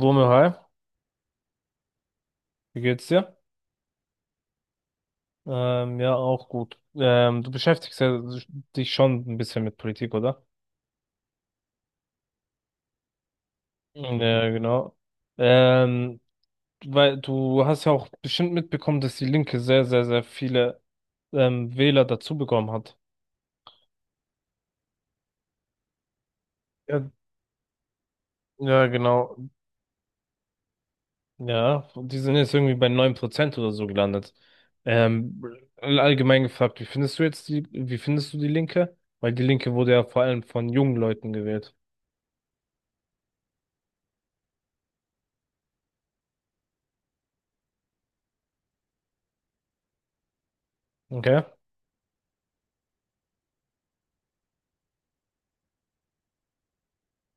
Romeo, hi, wie geht's dir? Ja, auch gut. Du beschäftigst ja dich schon ein bisschen mit Politik, oder? Mhm. Ja, genau. Ähm, Weil du hast ja auch bestimmt mitbekommen, dass die Linke sehr, sehr, sehr viele Wähler dazu bekommen hat. Ja, ja, genau. Ja, die sind jetzt irgendwie bei 9% oder so gelandet. Ähm, Allgemein gefragt, wie findest du die Linke? Weil die Linke wurde ja vor allem von jungen Leuten gewählt. Okay.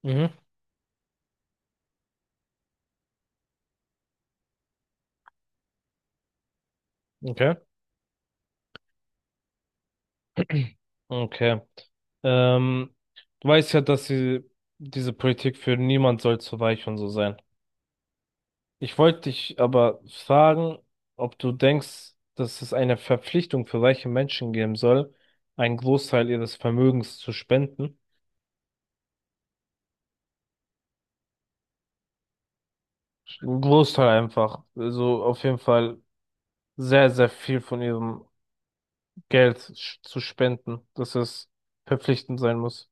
Mhm. Okay. Okay. Ähm, Du weißt ja, dass sie, diese Politik für niemand soll zu weich und so sein. Ich wollte dich aber fragen, ob du denkst, dass es eine Verpflichtung für reiche Menschen geben soll, einen Großteil ihres Vermögens zu spenden. Einen Großteil einfach. Also auf jeden Fall sehr, sehr viel von ihrem Geld zu spenden, dass es verpflichtend sein muss.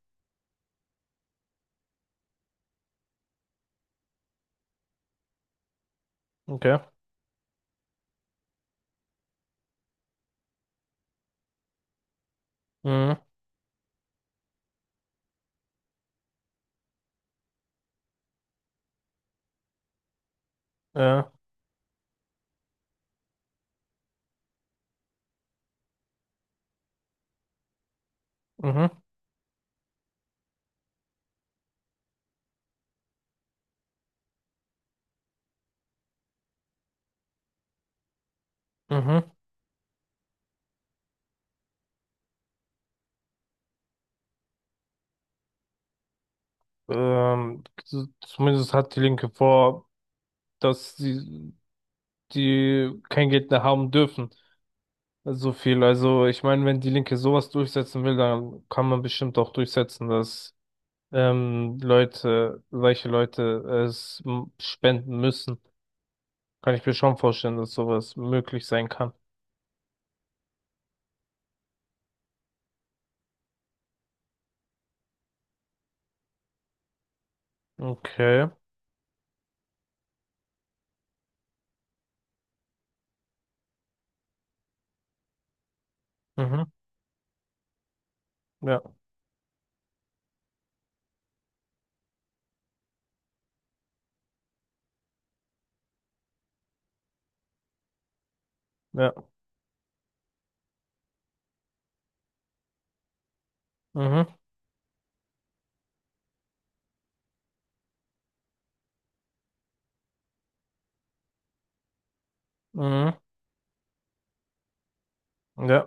Okay. Mhm. Ja. Mhm. Mhm. Zumindest hat die Linke vor, dass sie die kein Geld mehr haben dürfen. So viel. Also ich meine, wenn die Linke sowas durchsetzen will, dann kann man bestimmt auch durchsetzen, dass Leute, reiche Leute es spenden müssen. Kann ich mir schon vorstellen, dass sowas möglich sein kann. Okay. Mhm. Ja. Ja. Mhm. Mhm. Ja.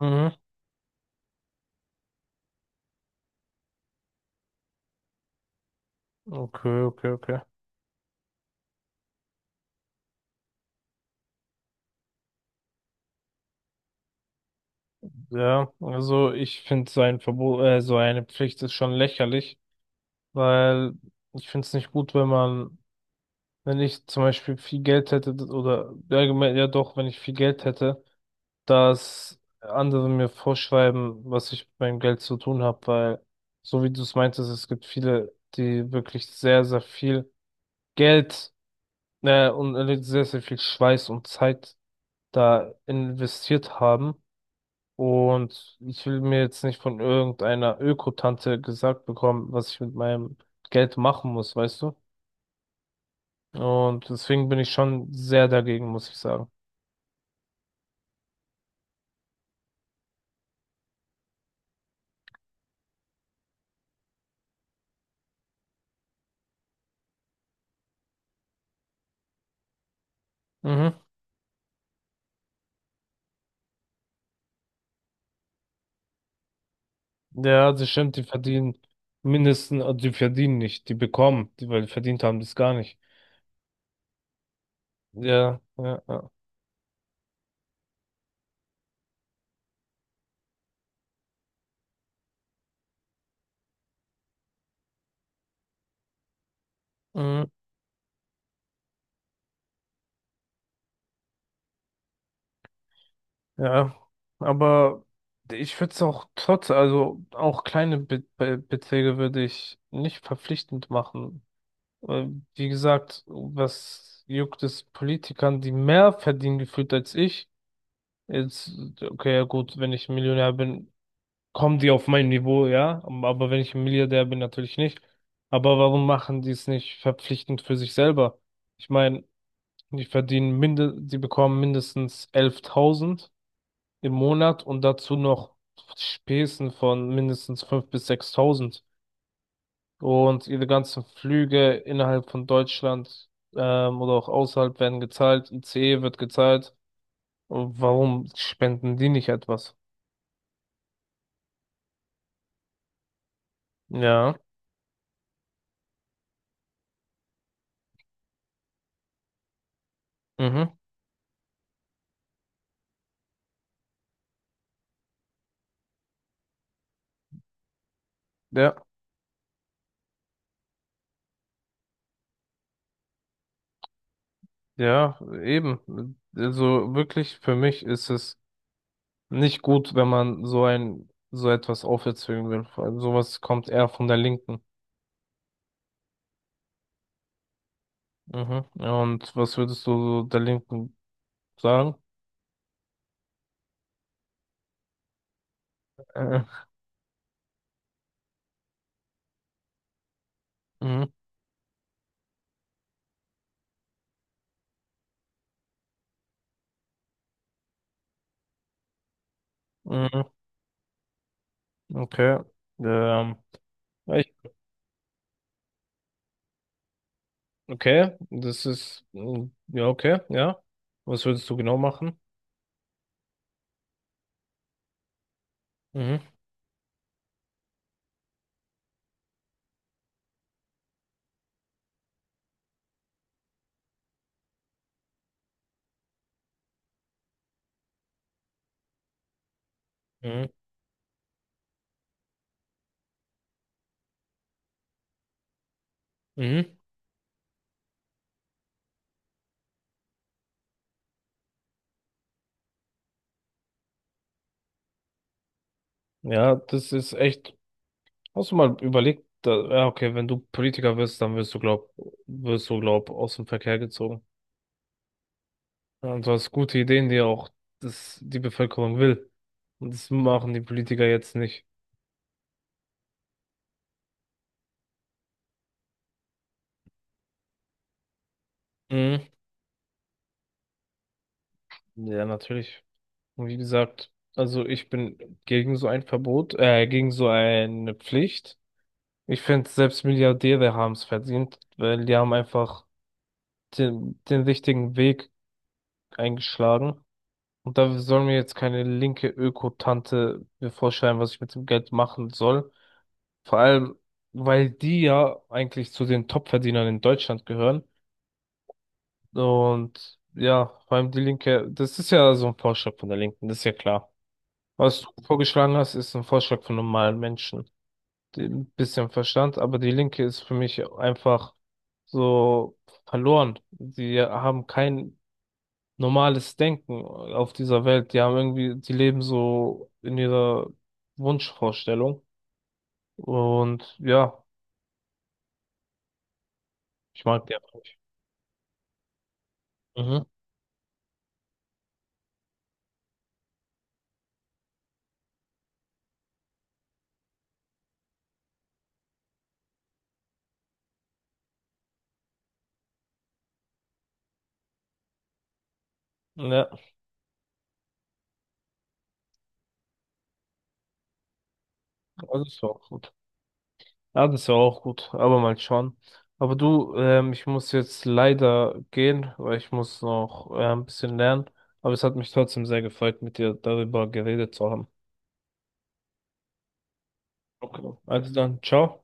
Mhm. Okay, okay, okay. Ja, also ich finde so ein Verbot, so eine Pflicht ist schon lächerlich, weil ich finde es nicht gut, wenn man, wenn ich zum Beispiel viel Geld hätte oder allgemein, ja doch, wenn ich viel Geld hätte, dass andere mir vorschreiben, was ich mit meinem Geld zu tun habe, weil so wie du es meintest, es gibt viele, die wirklich sehr, sehr viel Geld, und sehr, sehr viel Schweiß und Zeit da investiert haben. Und ich will mir jetzt nicht von irgendeiner Öko-Tante gesagt bekommen, was ich mit meinem Geld machen muss, weißt du? Und deswegen bin ich schon sehr dagegen, muss ich sagen. Mhm. Ja, das stimmt, die verdienen mindestens, die verdienen nicht, die bekommen, die, weil die verdient haben, das gar nicht. Ja, ja, ja. Mhm. Ja, aber ich würde es auch trotz, also auch kleine Be Be Beträge würde ich nicht verpflichtend machen. Äh, Wie gesagt, was juckt es Politikern, die mehr verdienen gefühlt als ich? Jetzt, okay, ja gut, wenn ich Millionär bin, kommen die auf mein Niveau, ja. Aber wenn ich ein Milliardär bin, natürlich nicht. Aber warum machen die es nicht verpflichtend für sich selber? Ich meine, die bekommen mindestens 11.000 im Monat und dazu noch Spesen von mindestens 5.000 bis 6.000. Und ihre ganzen Flüge innerhalb von Deutschland oder auch außerhalb werden gezahlt. ICE wird gezahlt. Und warum spenden die nicht etwas? Ja, mhm, ja, ja, eben. Also wirklich, für mich ist es nicht gut, wenn man so ein, so etwas aufzwingen will. Vor allem sowas kommt eher von der Linken. Mhm. Ja, und was würdest du so der Linken sagen? Äh, mhm, mhm, okay. Ähm, ja, okay, das ist, ja, okay, ja. Was würdest du genau machen? Mhm, mhm, mhm. Ja, das ist echt, hast du mal überlegt, da, ja, okay, wenn du Politiker wirst, dann wirst du, glaub, aus dem Verkehr gezogen. Ja, und du hast gute Ideen, die auch das, die Bevölkerung will. Und das machen die Politiker jetzt nicht. Mhm. Ja, natürlich. Und wie gesagt, also ich bin gegen so ein Verbot, gegen so eine Pflicht. Ich finde, selbst Milliardäre haben es verdient, weil die haben einfach den richtigen Weg eingeschlagen. Und da soll mir jetzt keine linke Öko-Tante mir vorschreiben, was ich mit dem Geld machen soll. Vor allem, weil die ja eigentlich zu den Top-Verdienern in Deutschland gehören. Und ja, vor allem die Linke, das ist ja so ein Vorschlag von der Linken, das ist ja klar. Was du vorgeschlagen hast, ist ein Vorschlag von normalen Menschen. Ein bisschen Verstand, aber die Linke ist für mich einfach so verloren. Die haben kein normales Denken auf dieser Welt. Die haben irgendwie, die leben so in ihrer Wunschvorstellung. Und ja, ich mag die einfach nicht. Mhm. Ja, also das war auch gut. Ja, das war auch gut, aber mal schauen. Aber du, ich muss jetzt leider gehen, weil ich muss noch ein bisschen lernen. Aber es hat mich trotzdem sehr gefreut, mit dir darüber geredet zu haben. Okay, also dann, ciao.